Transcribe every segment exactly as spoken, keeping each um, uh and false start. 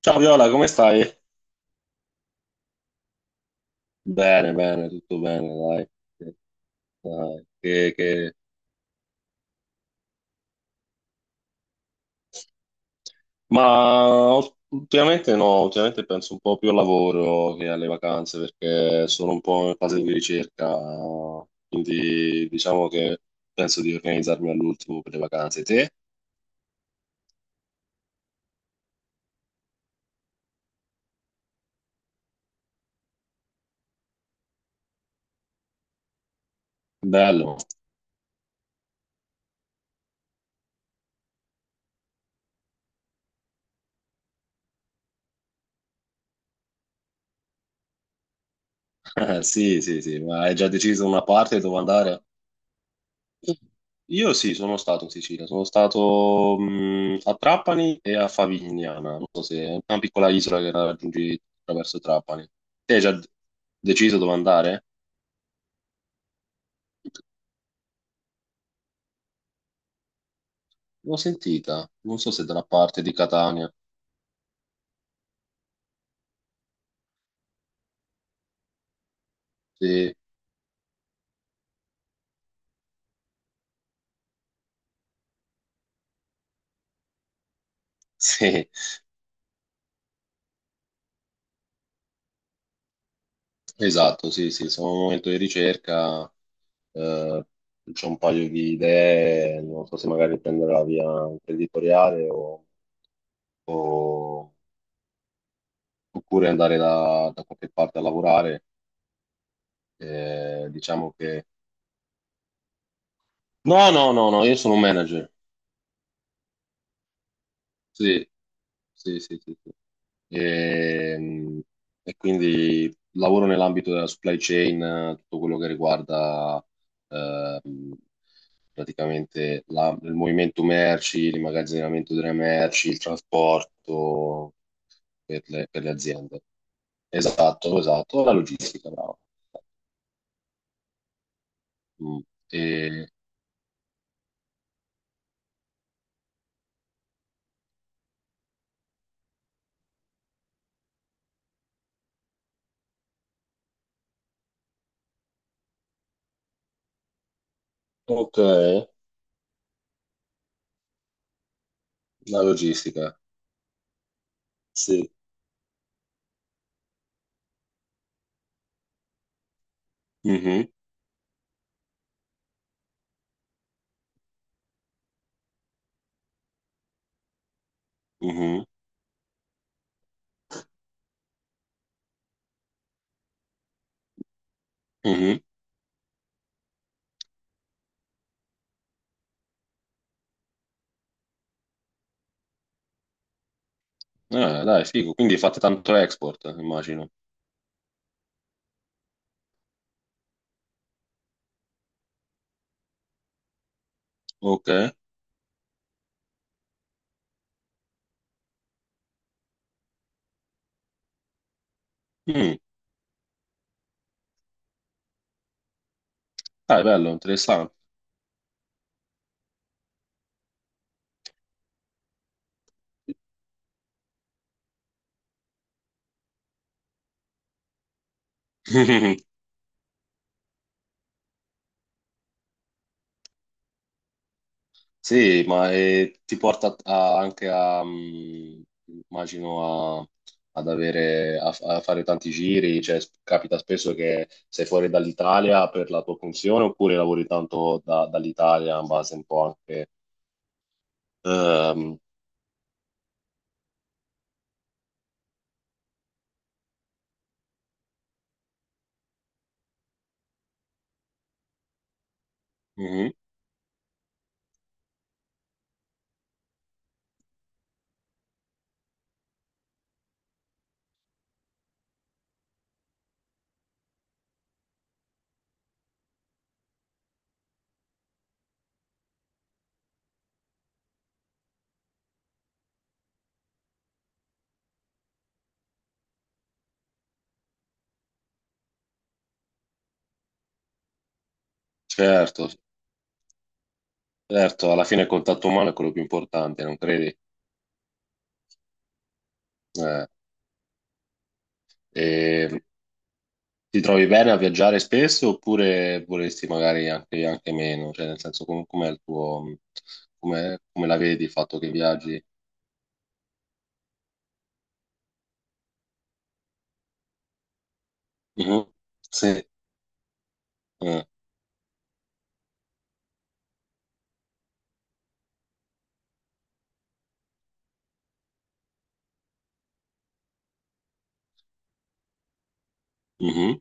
Ciao Viola, come stai? Bene, bene, tutto bene, dai. Dai, che- che- ma ultimamente no, ultimamente penso un po' più al lavoro che alle vacanze perché sono un po' in fase di ricerca, quindi diciamo che penso di organizzarmi all'ultimo per le vacanze. Te? Bello. Sì, sì, sì, ma hai già deciso una parte dove andare? Io sì, sono stato in Sicilia, sono stato mh, a Trapani e a Favignana, non so se è una piccola isola che raggiungi attraverso Trapani. Te hai già d- deciso dove andare? L'ho sentita, non so se dalla parte di Catania. Sì, sì, esatto, sì, sì, sono in un momento di ricerca, eh, c'ho un paio di idee, non so se magari prendere la via imprenditoriale o, o- oppure andare da da qualche parte a lavorare. Eh, diciamo che... No, no, no, no, io sono un manager. Sì, sì, sì, sì, sì. Ehm, E, quindi lavoro nell'ambito della supply chain, eh, tutto quello che riguarda ehm, praticamente la- il movimento merci, l'immagazzinamento delle merci, il trasporto per le, per le aziende. Esatto, esatto, la logistica, bravo. Mm. E- Ok, la logistica, sì. Mhm. Mhm, mhm. Ah, dai, figo. Quindi fate tanto export, immagino. Ok. Mm. Dai, bello, interessante. Sì, ma eh, ti porta a- anche a, mm, immagino, a- ad avere, a, a fare tanti giri, cioè sp- capita spesso che sei fuori dall'Italia per la tua funzione oppure lavori tanto da- dall'Italia in base un po' anche... ehm, mhm. Certo, certo, alla fine il contatto umano è quello più importante, non credi? Eh. E ti trovi bene a viaggiare spesso oppure vorresti magari anche, anche meno? Cioè, nel senso, com- com'è il tuo, com'è- come la vedi il fatto che viaggi? Mhm. Sì. Eh. Mhm.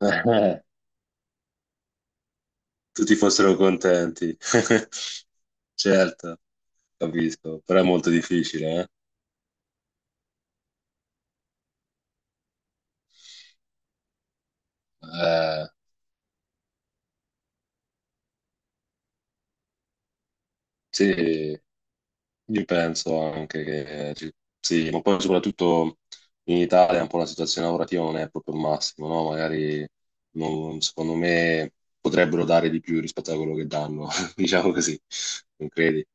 Eh. Tutti fossero contenti. Certo, capisco, però è molto difficile, eh? Eh, sì. Io penso anche che eh, ci- sì, ma poi soprattutto in Italia un po' la situazione lavorativa non è proprio il massimo, no? Magari non- secondo me potrebbero dare di più rispetto a quello che danno, diciamo così, non credi?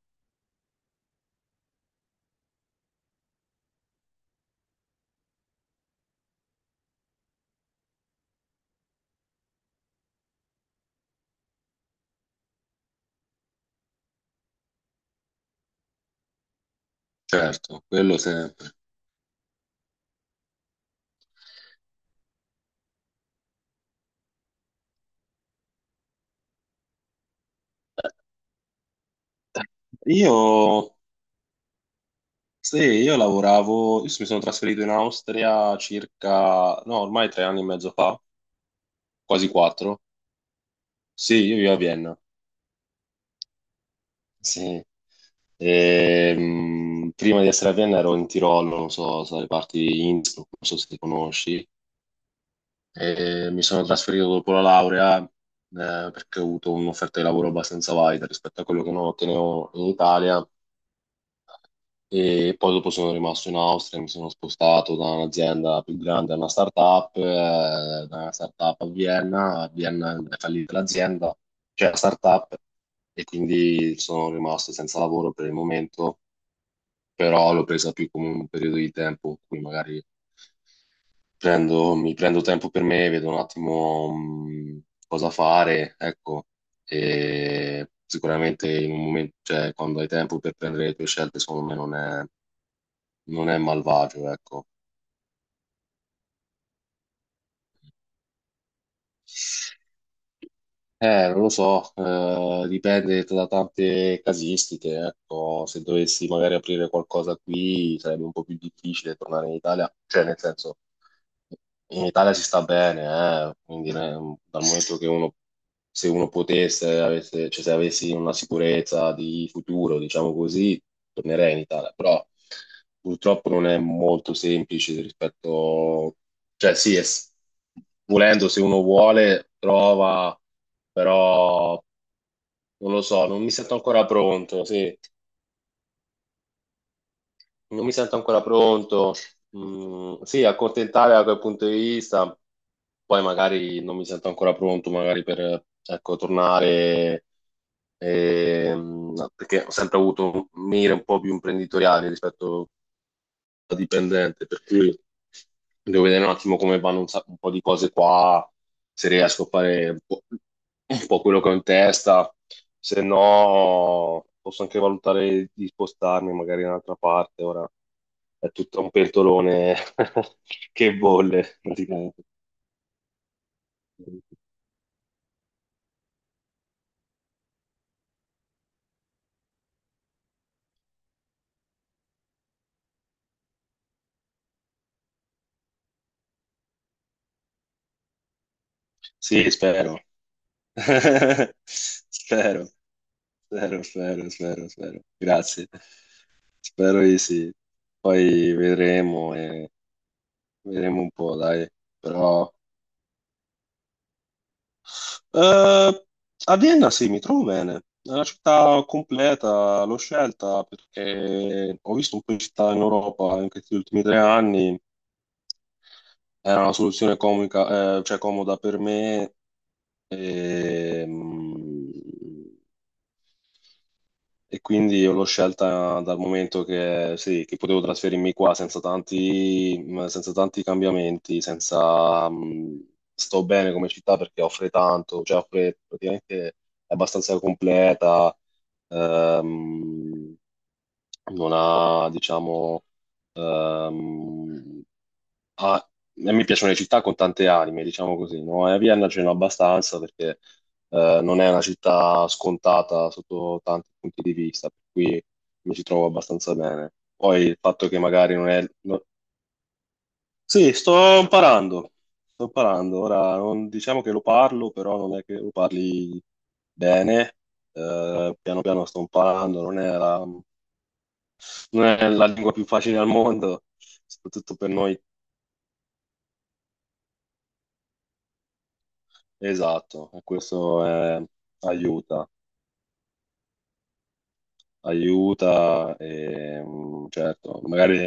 Certo, quello sempre. Io, sì, io lavoravo, io mi sono trasferito in Austria circa, no, ormai tre anni e mezzo fa, quasi quattro. Sì, io vivo a Vienna. Sì. Ehm, prima di essere a Vienna ero in Tirolo, non so, so le parti di Innsbruck, non so se ti conosci. E mi sono trasferito dopo la laurea, eh, perché ho avuto un'offerta di lavoro abbastanza valida rispetto a quello che non ottenevo in Italia. E poi dopo sono rimasto in Austria, mi sono spostato da un'azienda più grande a una startup, eh, da una startup a Vienna, a Vienna è fallita l'azienda, cioè la startup, e quindi sono rimasto senza lavoro per il momento, però l'ho presa più come un periodo di tempo in cui magari prendo- mi prendo tempo per me, vedo un attimo mh, cosa fare, ecco, e sicuramente in un momento, cioè quando hai tempo per prendere le tue scelte, secondo me non è, non è malvagio, ecco. Eh, non lo so, eh, dipende da tante casistiche, ecco, se dovessi magari aprire qualcosa qui sarebbe un po' più difficile tornare in Italia, cioè nel senso, in Italia si sta bene, eh, quindi eh, dal momento che uno, se uno potesse, avesse, cioè se avessi una sicurezza di futuro, diciamo così, tornerei in Italia, però purtroppo non è molto semplice rispetto, cioè sì, è s- volendo se uno vuole, trova però non lo so, non mi sento ancora pronto, sì, non mi sento ancora pronto. Mm, sì, accontentare da quel punto di vista, poi magari non mi sento ancora pronto, magari per, ecco, tornare, ehm, perché ho sempre avuto un mire un po' più imprenditoriale rispetto dipendente, per cui devo vedere un attimo come vanno un, sa- un po' di cose qua, se riesco a fare un po', un po' quello che ho in testa, se no posso anche valutare di spostarmi magari in un'altra parte, ora è tutto un pentolone che bolle, praticamente. Sì, spero. Spero, spero, spero, spero, spero. Grazie. Spero di sì. Poi vedremo e vedremo un po', dai. Però... eh, a Vienna sì, mi trovo bene. È una città completa, l'ho scelta perché ho visto un po' di città in Europa in questi ultimi tre anni. Era una soluzione comica, eh, cioè comoda per me. E, E quindi io l'ho scelta dal momento che, sì, che potevo trasferirmi qua senza tanti, mh, senza tanti cambiamenti, senza, mh, sto bene come città perché offre tanto, cioè offre praticamente è abbastanza completa, ehm, non ha, diciamo, ehm, ah, a me piacciono le città con tante anime, diciamo così, no? E a Vienna ce n'è abbastanza perché eh, non è una città scontata sotto tanti punti di vista, per cui mi ci trovo abbastanza bene. Poi il fatto che magari non è... no- sì, sto imparando, sto imparando. Ora, non, diciamo che lo parlo, però non è che lo parli bene. Eh, piano piano sto imparando, non è la, non è la lingua più facile al mondo, soprattutto per noi. Esatto, e questo eh, aiuta, aiuta e mm, certo, magari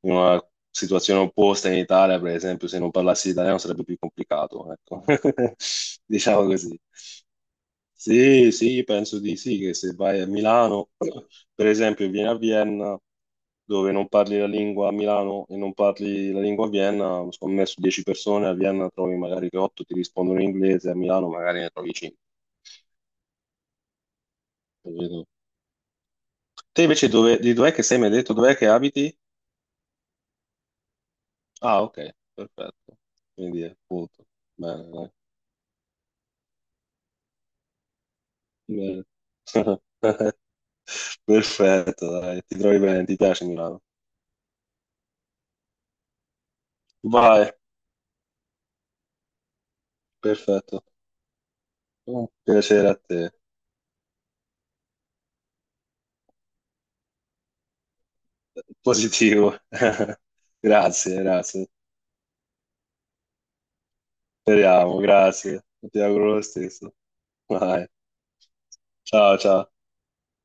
in una situazione opposta in Italia, per esempio, se non parlassi italiano sarebbe più complicato, ecco. Diciamo così. Sì, sì, penso di sì, che se vai a Milano, per esempio, e vieni a Vienna, dove non parli la lingua a Milano e non parli la lingua a Vienna, secondo me su dieci persone a Vienna trovi magari che otto ti rispondono in inglese, a Milano magari ne trovi cinque. Te invece dove, di dov'è che sei? Mi hai detto dov'è che abiti? Ah, ok, perfetto. Quindi è appunto. Bene, dai. Bene. Perfetto, dai, ti trovi bene, ti piace Milano. Vai, perfetto. Un piacere a te. Positivo. Grazie, grazie. Speriamo, grazie. Ti auguro lo stesso. Vai. Ciao, ciao.